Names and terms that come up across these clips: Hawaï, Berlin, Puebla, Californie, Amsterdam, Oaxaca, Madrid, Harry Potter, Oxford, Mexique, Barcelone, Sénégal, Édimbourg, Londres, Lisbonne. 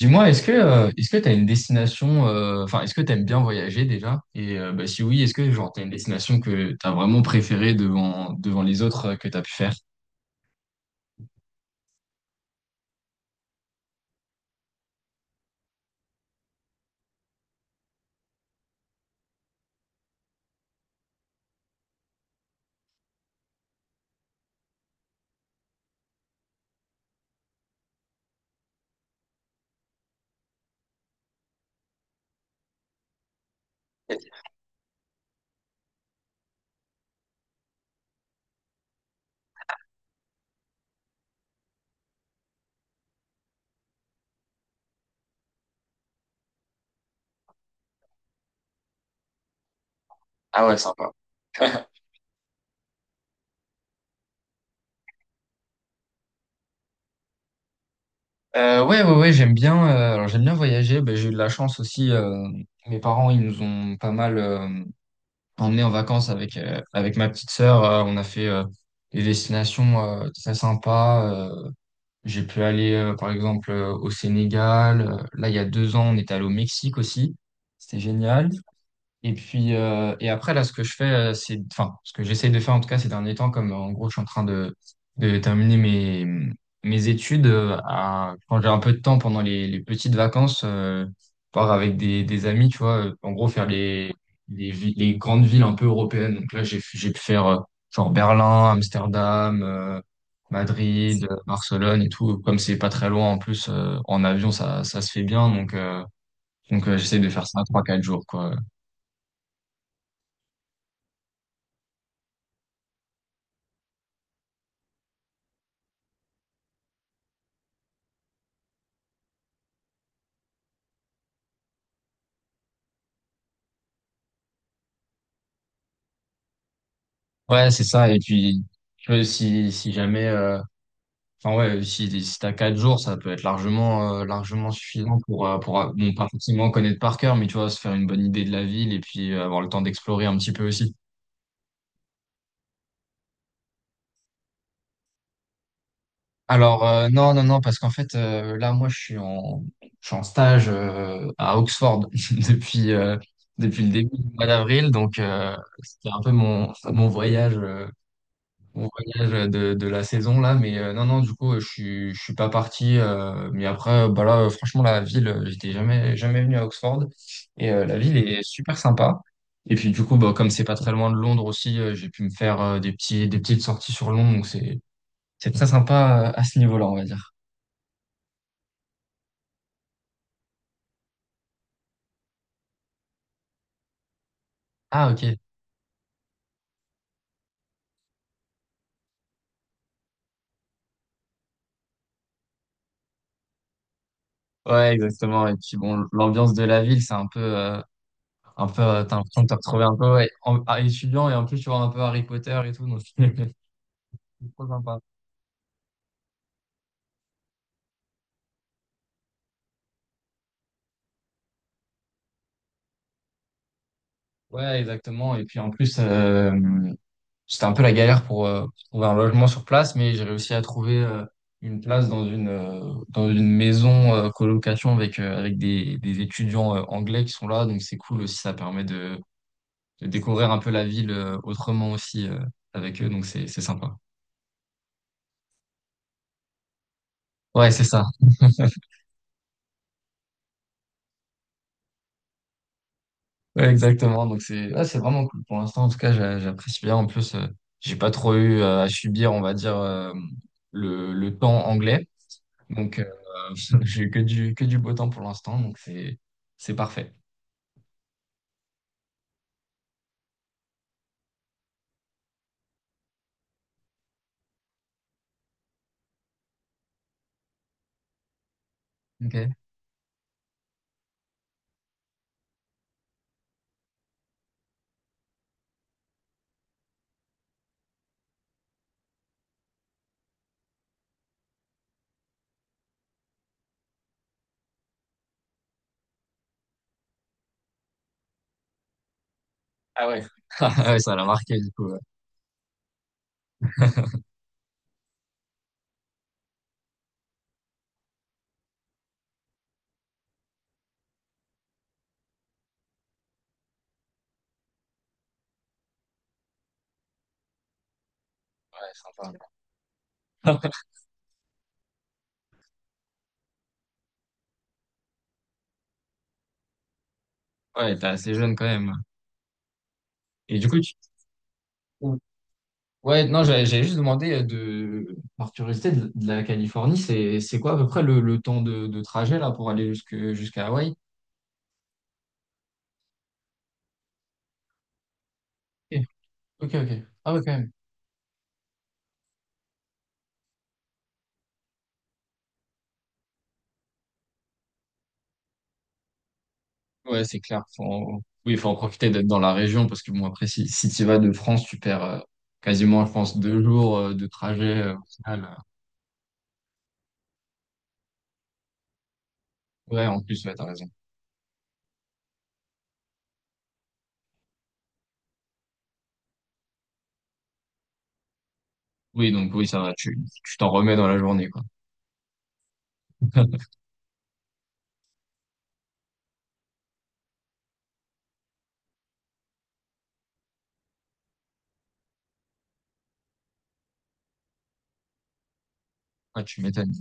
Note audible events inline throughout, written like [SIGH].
Dis-moi, est-ce que tu as une destination, enfin, est-ce que tu aimes bien voyager déjà? Et bah, si oui, est-ce que genre, tu as une destination que tu as vraiment préférée devant les autres que tu as pu faire? Ah ouais, sympa. [LAUGHS] Ouais, ouais, ouais, j'aime bien, alors j'aime bien voyager. Ben, j'ai eu de la chance aussi. Mes parents, ils nous ont pas mal emmenés en vacances avec, avec ma petite sœur. On a fait des destinations très sympas. J'ai pu aller, par exemple, au Sénégal. Là, il y a 2 ans, on est allé au Mexique aussi. C'était génial. Et puis, et après, là, ce que je fais, c'est, enfin, ce que j'essaye de faire, en tout cas, ces derniers temps, comme en gros, je suis en train de terminer mes études, à- quand j'ai un peu de temps pendant les petites vacances, part avec des amis, tu vois, en gros, faire les, les grandes villes un peu européennes. Donc là, j'ai pu faire, genre Berlin, Amsterdam, Madrid, Barcelone et tout. Comme c'est pas très loin, en plus, en avion, ça se fait bien. Donc, j'essaie de faire ça trois, quatre jours, quoi. Ouais, c'est ça. Et puis, tu vois, si jamais, enfin, ouais, si t'as 4 jours, ça peut être largement, largement suffisant pour, bon, pas forcément connaître par cœur, mais tu vois, se faire une bonne idée de la ville et puis avoir le temps d'explorer un petit peu aussi. Alors, non, non, non, parce qu'en fait, là, moi, je suis en stage à Oxford [LAUGHS] depuis, depuis le début du mois d'avril. Donc, c'était un peu mon voyage. Mon de la saison là, mais non, non, du coup, je suis pas parti. Mais après, bah là, franchement, la ville, j'étais jamais, jamais venu à Oxford. Et la ville est super sympa. Et puis du coup, bah, comme c'est pas très loin de Londres aussi, j'ai pu me faire des petites sorties sur Londres. Donc c'est très sympa à ce niveau-là, on va dire. Ah ok. Ouais, exactement. Et puis bon, l'ambiance de la ville, c'est un peu, t'as l'impression de te retrouver un peu ouais, en, à étudiant et en plus tu vois un peu Harry Potter et tout. Donc [LAUGHS] c'est trop sympa. Ouais, exactement. Et puis en plus, c'était un peu la galère pour trouver un logement sur place, mais j'ai réussi à trouver une place dans une maison colocation avec, des étudiants anglais qui sont là. Donc c'est cool aussi, ça permet de découvrir un peu la ville autrement aussi avec eux. Donc c'est sympa. Ouais, c'est ça. Ouais, exactement. Donc c'est vraiment cool pour l'instant. En tout cas, j'apprécie bien. En plus, j'ai pas trop eu à subir, on va dire, le temps anglais. Donc, [LAUGHS] j'ai eu que du beau temps pour l'instant, donc c'est parfait. Ok. Ah ouais. [LAUGHS] Ah ouais, ça l'a marqué, du coup. Ouais, ouais, sympa. [LAUGHS] Ouais, t'es assez jeune quand même. Et du coup, tu... Ouais, non, j'avais juste demandé de, par curiosité, de la Californie, c'est quoi à peu près le temps de trajet là pour aller jusque, jusqu'à Hawaï? Ok, ok, ok. Ah ouais, quand même. Ouais, c'est clair. Faut... Oui, il faut en profiter d'être dans la région parce que bon, après, si tu vas de France, tu perds quasiment, je pense, 2 jours de trajet au final. Ouais, en plus, ouais, t'as raison. Oui, donc oui, ça va, tu t'en remets dans la journée, quoi. [LAUGHS] Ah, tu m'étonnes.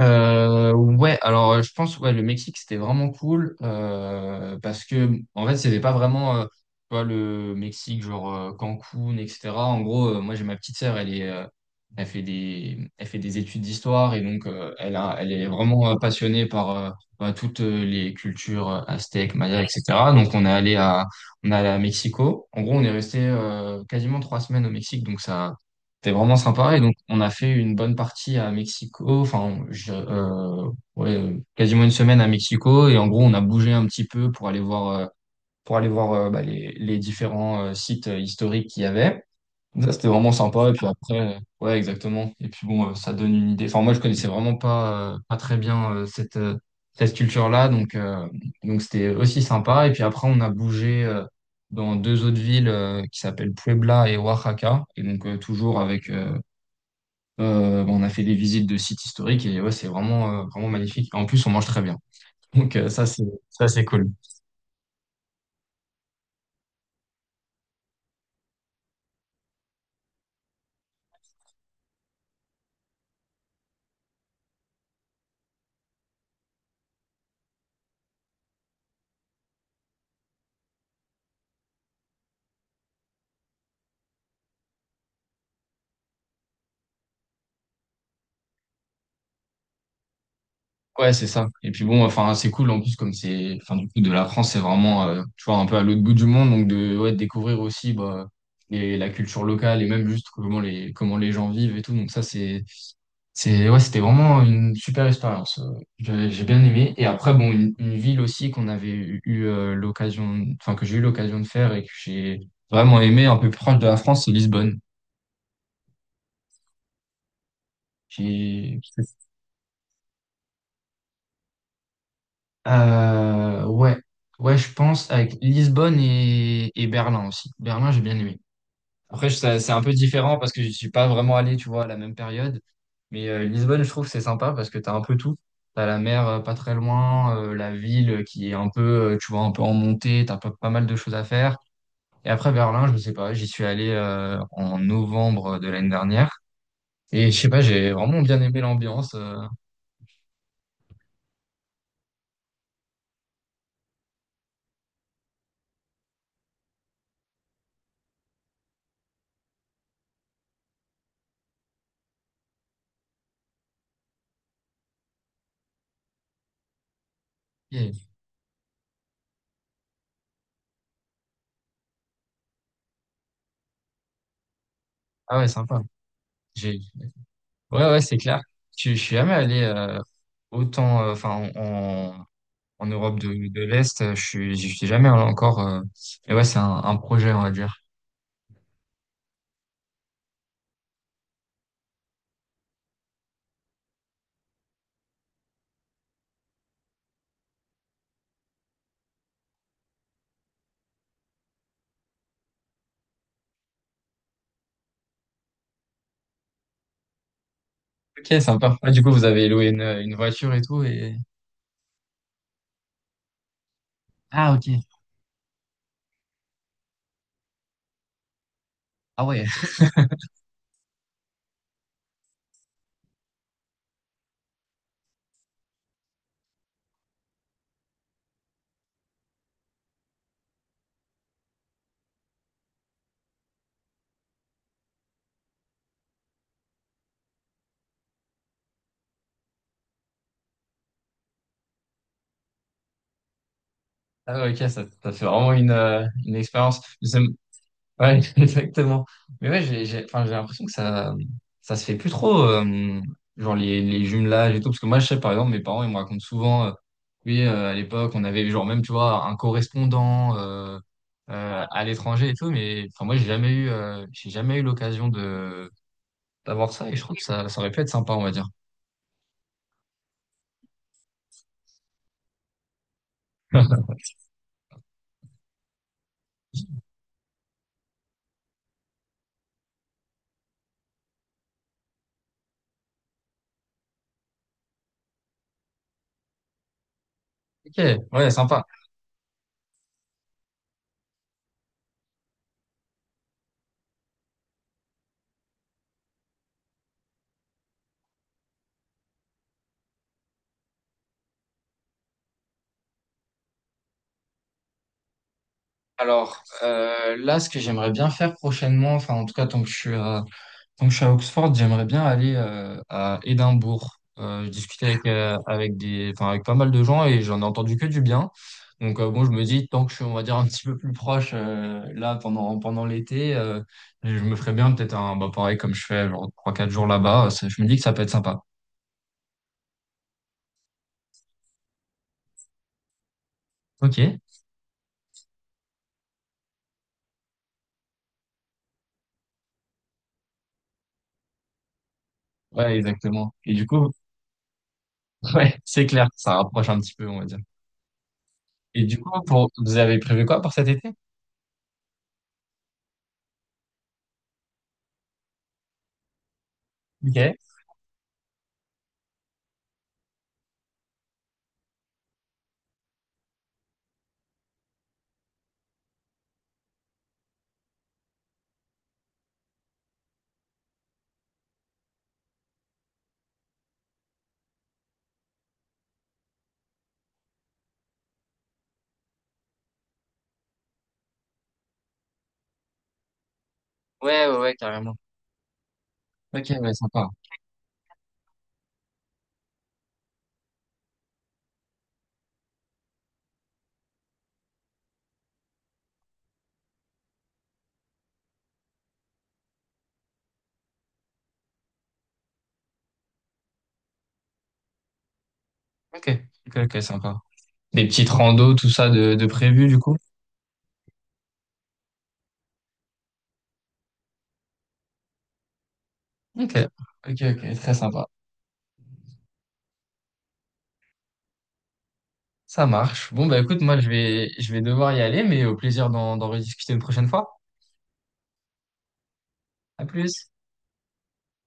Ouais, alors je pense ouais le Mexique c'était vraiment cool parce que en fait c'était pas vraiment tu vois, le Mexique genre Cancun etc. En gros moi j'ai ma petite sœur elle est elle fait des études d'histoire et donc elle est vraiment passionnée par bah, toutes les cultures aztèques, mayas etc. Donc on est allé à Mexico. En gros on est resté quasiment 3 semaines au Mexique. Donc ça, c'était vraiment sympa. Et donc, on a fait une bonne partie à Mexico. Enfin, ouais, quasiment une semaine à Mexico. Et en gros, on a bougé un petit peu pour aller voir bah, les différents sites historiques qu'il y avait. Ça, c'était vraiment sympa. Et puis après, ouais, exactement. Et puis bon, ça donne une idée. Enfin, moi, je connaissais vraiment pas, pas très bien cette culture-là. Donc c'était aussi sympa. Et puis après, on a bougé dans 2 autres villes qui s'appellent Puebla et Oaxaca. Et donc, toujours avec, on a fait des visites de sites historiques et ouais, c'est vraiment, vraiment magnifique. En plus, on mange très bien. Donc ça, c'est cool. Ouais, c'est ça. Et puis bon, enfin, c'est cool en plus comme c'est, enfin, du coup, de la France, c'est vraiment, tu vois, un peu à l'autre bout du monde, donc de, ouais, de découvrir aussi bah, la culture locale et même juste comment les gens vivent et tout. Donc ça, C'est, ouais, c'était vraiment une super expérience. J'ai bien aimé. Et après, bon, une ville aussi qu'on avait l'occasion, enfin, que j'ai eu l'occasion de faire et que j'ai vraiment aimé, un peu plus proche de la France, c'est Lisbonne. J'ai- Euh, ouais, ouais, je pense avec Lisbonne et Berlin aussi. Berlin, j'ai bien aimé. Après, je- ça- c'est un peu différent parce que je suis pas vraiment allé, tu vois, à la même période. Mais Lisbonne, je trouve que c'est sympa parce que tu as un peu tout. Tu as la mer pas très loin, la ville qui est un peu, tu vois, un peu en montée, tu as pas, pas mal de choses à faire. Et après, Berlin, je sais pas, j'y suis allé en novembre de l'année dernière. Et je sais pas, j'ai vraiment bien aimé l'ambiance. Et- Ah ouais, sympa. J'ai... Ouais, ouais, c'est clair. Je suis jamais allé enfin, en Europe de l'Est. J'y suis jamais allé encore. Mais ouais, c'est un projet, on va dire. Ok, sympa. Ah, du coup, vous avez loué une voiture et tout et... Ah, ok. Ah ouais. Ah ouais, ok, ça fait vraiment une expérience. Ouais, [LAUGHS] exactement. Mais ouais, enfin, j'ai l'impression que ça se fait plus trop, genre les jumelages et tout. Parce que moi, je sais, par exemple, mes parents, ils me racontent souvent, oui, à l'époque, on avait genre même, tu vois, un correspondant à l'étranger et tout. Mais enfin, moi, j'ai jamais eu l'occasion de d'avoir ça. Et je trouve que ça aurait pu être sympa, on va dire. [LAUGHS] Ok, ouais, sympa. Alors, là, ce que j'aimerais bien faire prochainement, enfin, en tout cas, tant que je suis à... Donc je suis à Oxford, j'aimerais bien aller à Édimbourg. Je discutais avec, enfin, avec pas mal de gens et j'en ai entendu que du bien. Donc bon, je me dis, tant que je suis, on va dire, un petit peu plus proche là pendant, pendant l'été, je me ferais bien peut-être un, bah, pareil comme je fais, genre trois quatre jours là-bas. Ça... Je me dis que ça peut être sympa. Ok. Ouais, exactement. Et du coup, [LAUGHS] ouais, c'est clair, ça rapproche un petit peu, on va dire. Et du coup, pour, vous avez prévu quoi pour cet été? Ok. Ouais, ouais, ouais, carrément. Ok, ouais, sympa. Ok, ok, ok, sympa. Des petites randos, tout ça de prévu du coup? Ok, ok, ok, très sympa. Ça marche. Bon, bah écoute, moi je vais devoir y aller, mais au plaisir d'en rediscuter une prochaine fois. À plus.